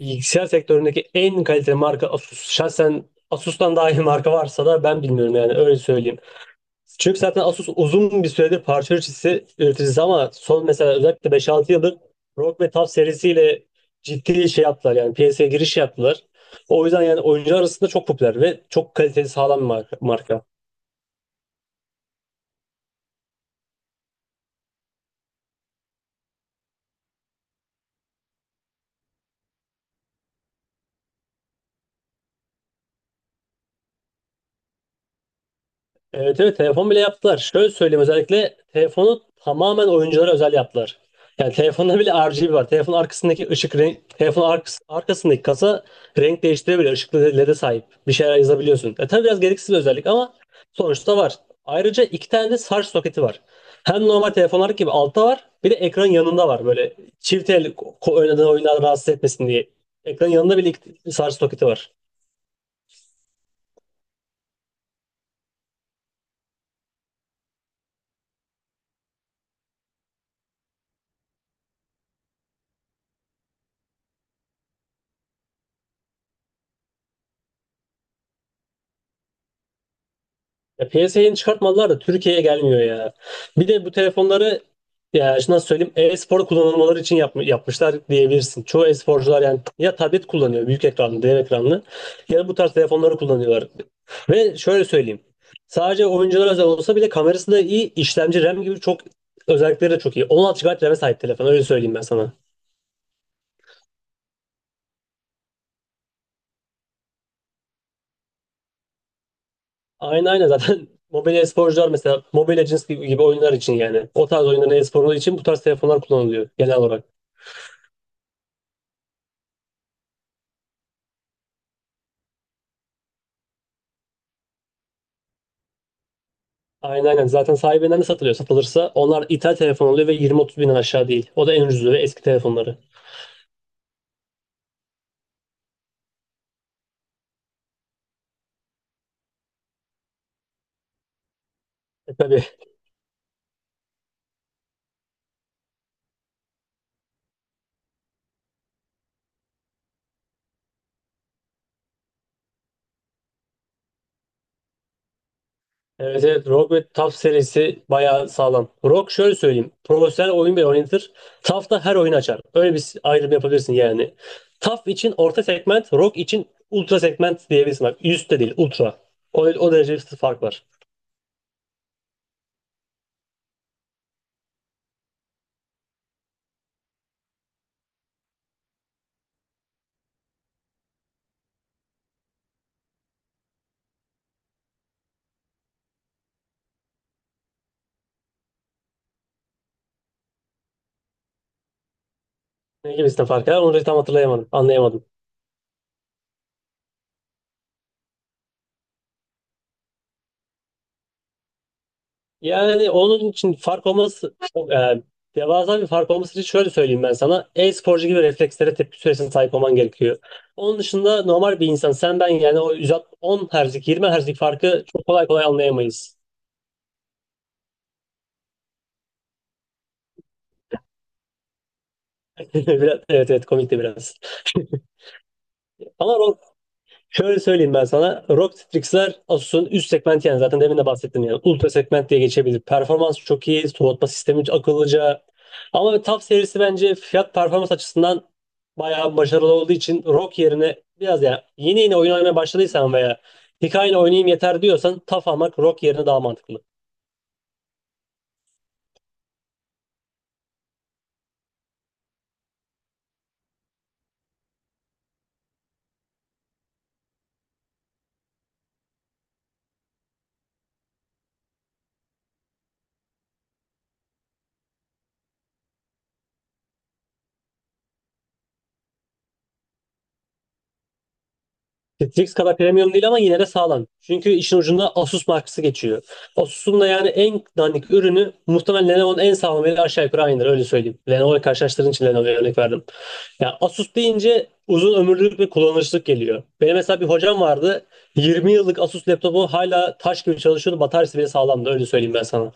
Bilgisayar sektöründeki en kaliteli marka Asus. Şahsen Asus'tan daha iyi marka varsa da ben bilmiyorum, yani öyle söyleyeyim. Çünkü zaten Asus uzun bir süredir parça üreticisi, ama son, mesela özellikle 5-6 yıldır ROG ve TUF serisiyle ciddi şey yaptılar, yani piyasaya giriş yaptılar. O yüzden yani oyuncular arasında çok popüler ve çok kaliteli, sağlam bir marka. Evet, evet, telefon bile yaptılar. Şöyle söyleyeyim, özellikle telefonu tamamen oyunculara özel yaptılar. Yani telefonda bile RGB var. Telefonun arkasındaki ışık renk, telefonun arkasındaki kasa renk değiştirebiliyor. Işıklı L E de sahip. Bir şeyler yazabiliyorsun. Tabii biraz gereksiz bir özellik ama sonuçta var. Ayrıca iki tane de şarj soketi var. Hem normal telefonlar gibi altta var. Bir de ekran yanında var. Böyle çift el oynadığın oyunlar rahatsız etmesin diye. Ekran yanında bile iki şarj soketi var. Ya piyasaya yeni çıkartmadılar da Türkiye'ye gelmiyor ya. Bir de bu telefonları, ya şimdi nasıl söyleyeyim, e-spor kullanılmaları için yapmışlar diyebilirsin. Çoğu e-sporcular yani ya tablet kullanıyor, büyük ekranlı, dev ekranlı, ya da bu tarz telefonları kullanıyorlar. Ve şöyle söyleyeyim, sadece oyunculara özel olsa bile kamerası da iyi, işlemci, RAM gibi çok özellikleri de çok iyi. 16 GB RAM'e sahip telefon, öyle söyleyeyim ben sana. Aynen, aynen, zaten mobil e-sporcular, mesela Mobile Legends gibi oyunlar için, yani o tarz oyunların e-sporu için bu tarz telefonlar kullanılıyor genel olarak. Aynen, aynen. Zaten sahibinden de satılıyor. Satılırsa onlar ithal telefon oluyor ve 20-30 binden aşağı değil. O da en ucuzu ve eski telefonları. Tabii. Evet, evet. ROG ve TAF serisi bayağı sağlam. ROG, şöyle söyleyeyim, profesyonel oyun bile oynatır. TAF da her oyun açar. Öyle bir ayrım yapabilirsin yani. TAF için orta segment, ROG için ultra segment diyebilirsin. Bak, üst değil, ultra. O derece bir fark var. Ne gibisinden fark var? Onu tam hatırlayamadım, anlayamadım. Yani onun için fark olması çok, devasa bir fark olması için şöyle söyleyeyim ben sana. E-sporcu gibi reflekslere, tepki süresine sahip olman gerekiyor. Onun dışında normal bir insan, sen ben yani, o 110 Hz'lik 20 Hz'lik farkı çok kolay kolay anlayamayız. Evet, evet, komikti biraz. Ama şöyle söyleyeyim ben sana, ROG Strix'ler Asus'un üst segmenti, yani zaten demin de bahsettim yani. Ultra segment diye geçebilir. Performans çok iyi. Soğutma sistemi akıllıca. Ama TUF serisi bence fiyat performans açısından bayağı başarılı olduğu için ROG yerine, biraz yani, yeni yeni oyun oynamaya başladıysan veya hikayeni oynayayım yeter diyorsan TUF almak ROG yerine daha mantıklı. Netflix kadar premium değil ama yine de sağlam. Çünkü işin ucunda Asus markası geçiyor. Asus'un da yani en dandik ürünü muhtemelen Lenovo'nun en sağlamıyla aşağı yukarı aynıdır, öyle söyleyeyim. Lenovo'yu karşılaştırdığın için Lenovo'ya örnek verdim. Ya, Asus deyince uzun ömürlülük ve kullanışlık geliyor. Benim mesela bir hocam vardı. 20 yıllık Asus laptopu hala taş gibi çalışıyordu. Bataryası bile sağlamdı. Öyle söyleyeyim ben sana.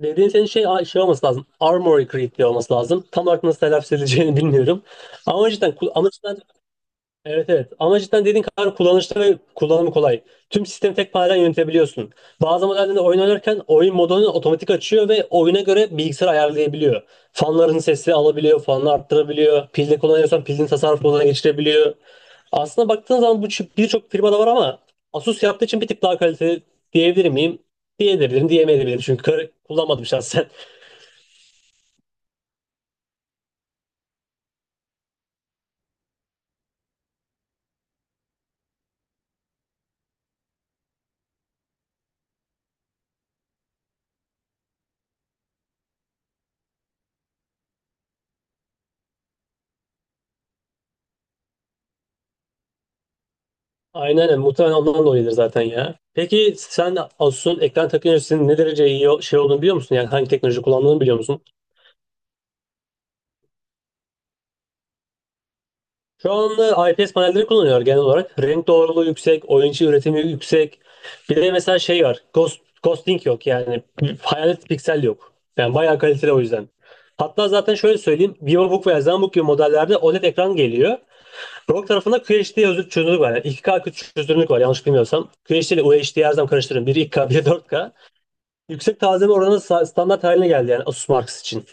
Dediğin senin şey olması lazım. Armory Crate diye olması lazım. Tam olarak nasıl telaffuz edileceğini bilmiyorum. Ama cidden kul- ama Evet, evet, ama cidden dediğin kadar kullanışlı ve kullanımı kolay. Tüm sistemi tek panelden yönetebiliyorsun. Bazı modellerde oyun oynarken oyun modunu otomatik açıyor ve oyuna göre bilgisayar ayarlayabiliyor. Fanların sesini alabiliyor, fanını arttırabiliyor. Pilde kullanıyorsan pilin tasarruf moduna geçirebiliyor. Aslında baktığın zaman bu, birçok firmada var, ama Asus yaptığı için bir tık daha kaliteli diyebilir miyim? Diyebilirim, diyemeyebilirim, çünkü kullanmadım şahsen. Aynen öyle. Muhtemelen ondan dolayıdır zaten ya. Peki sen Asus'un ekran teknolojisinin ne derece iyi şey olduğunu biliyor musun? Yani hangi teknoloji kullandığını biliyor musun? Şu anda IPS panelleri kullanıyor genel olarak. Renk doğruluğu yüksek, oyuncu üretimi yüksek. Bir de mesela şey var, ghosting yok yani. Hayalet piksel yok. Yani bayağı kaliteli o yüzden. Hatta zaten şöyle söyleyeyim, Vivobook veya Zenbook gibi modellerde OLED ekran geliyor. ROG tarafında QHD çözünürlük var. Yani 2K çözünürlük var yanlış bilmiyorsam. QHD ile UHD'yi her zaman karıştırıyorum. Biri 2K, biri 4K. Yüksek tazeme oranı standart haline geldi yani Asus Marks için.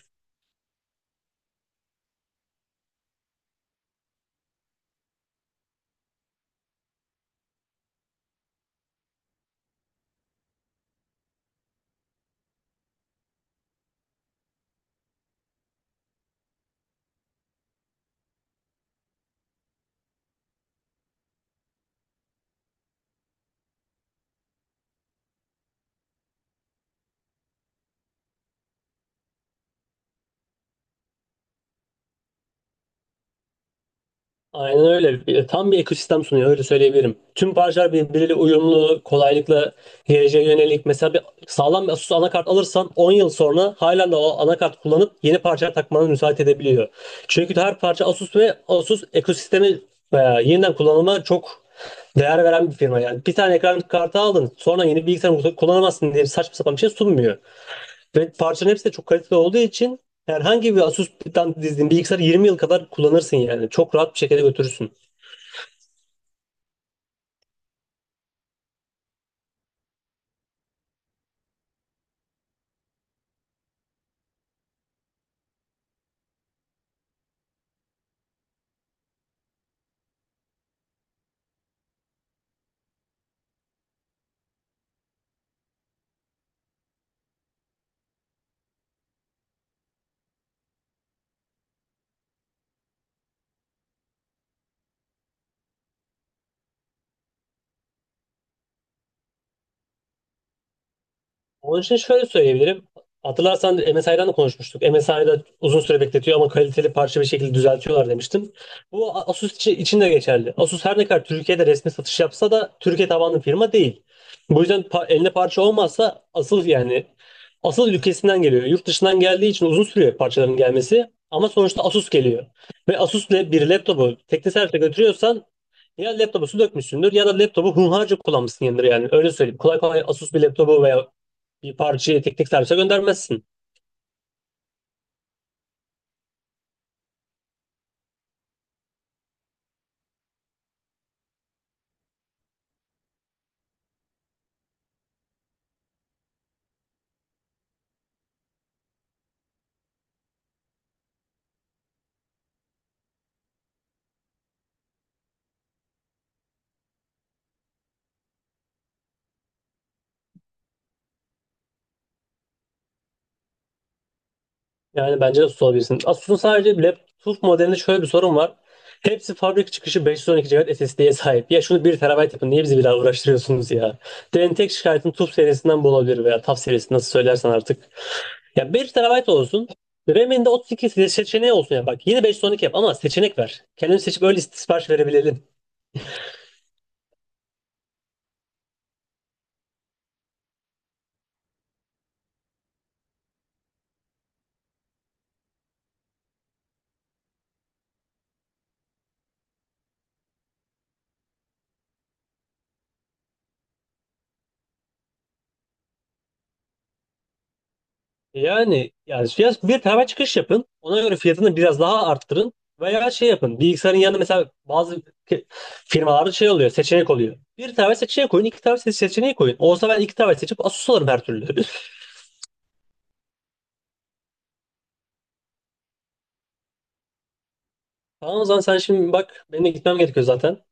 Aynen öyle. Tam bir ekosistem sunuyor, öyle söyleyebilirim. Tüm parçalar birbiriyle uyumlu, kolaylıkla geleceğe yönelik. Mesela sağlam bir Asus anakart alırsan 10 yıl sonra halen de o anakart kullanıp yeni parçalar takmana müsaade edebiliyor. Çünkü her parça Asus, ve Asus ekosistemi yeniden kullanıma çok değer veren bir firma yani. Bir tane ekran kartı aldın sonra yeni bilgisayar kullanamazsın diye saçma sapan bir şey sunmuyor. Ve parçaların hepsi de çok kaliteli olduğu için herhangi bir Asus'tan dizdiğin bilgisayarı 20 yıl kadar kullanırsın yani. Çok rahat bir şekilde götürürsün. Onun için şöyle söyleyebilirim. Hatırlarsan MSI'dan da konuşmuştuk. MSI'da uzun süre bekletiyor ama kaliteli parça bir şekilde düzeltiyorlar demiştim. Bu Asus için de geçerli. Asus her ne kadar Türkiye'de resmi satış yapsa da Türkiye tabanlı firma değil. Bu yüzden eline parça olmazsa asıl ülkesinden geliyor. Yurt dışından geldiği için uzun sürüyor parçaların gelmesi. Ama sonuçta Asus geliyor. Ve Asus ile bir laptopu teknik servise götürüyorsan ya laptopu su dökmüşsündür ya da laptopu hunharca kullanmışsın yanındır yani. Öyle söyleyeyim. Kolay kolay Asus bir laptopu veya bir parçayı tek tek servise göndermezsin. Yani bence de tutabilirsin. Asus'un sadece laptop modelinde şöyle bir sorun var. Hepsi fabrika çıkışı 512 GB SSD'ye sahip. Ya şunu bir TB yapın. Niye bizi bir daha uğraştırıyorsunuz ya? Benim tek şikayetim TUF serisinden bu olabilir veya TAF serisi nasıl söylersen artık. Ya bir TB olsun. RAM'inde 32 seçeneği olsun ya. Bak, yine 512 yap ama seçenek ver. Kendini seçip öyle sipariş verebilelim. Yani fiyat, bir tane çıkış yapın. Ona göre fiyatını biraz daha arttırın. Veya şey yapın. Bilgisayarın yanında mesela bazı firmalarda şey oluyor. Seçenek oluyor. Bir tane seçeneği koyun, iki tane seçeneği koyun. Olsa ben iki tane seçip Asus alırım her türlü. Tamam, o zaman sen şimdi bak. Benim de gitmem gerekiyor zaten.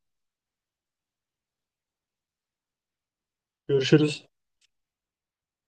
Görüşürüz.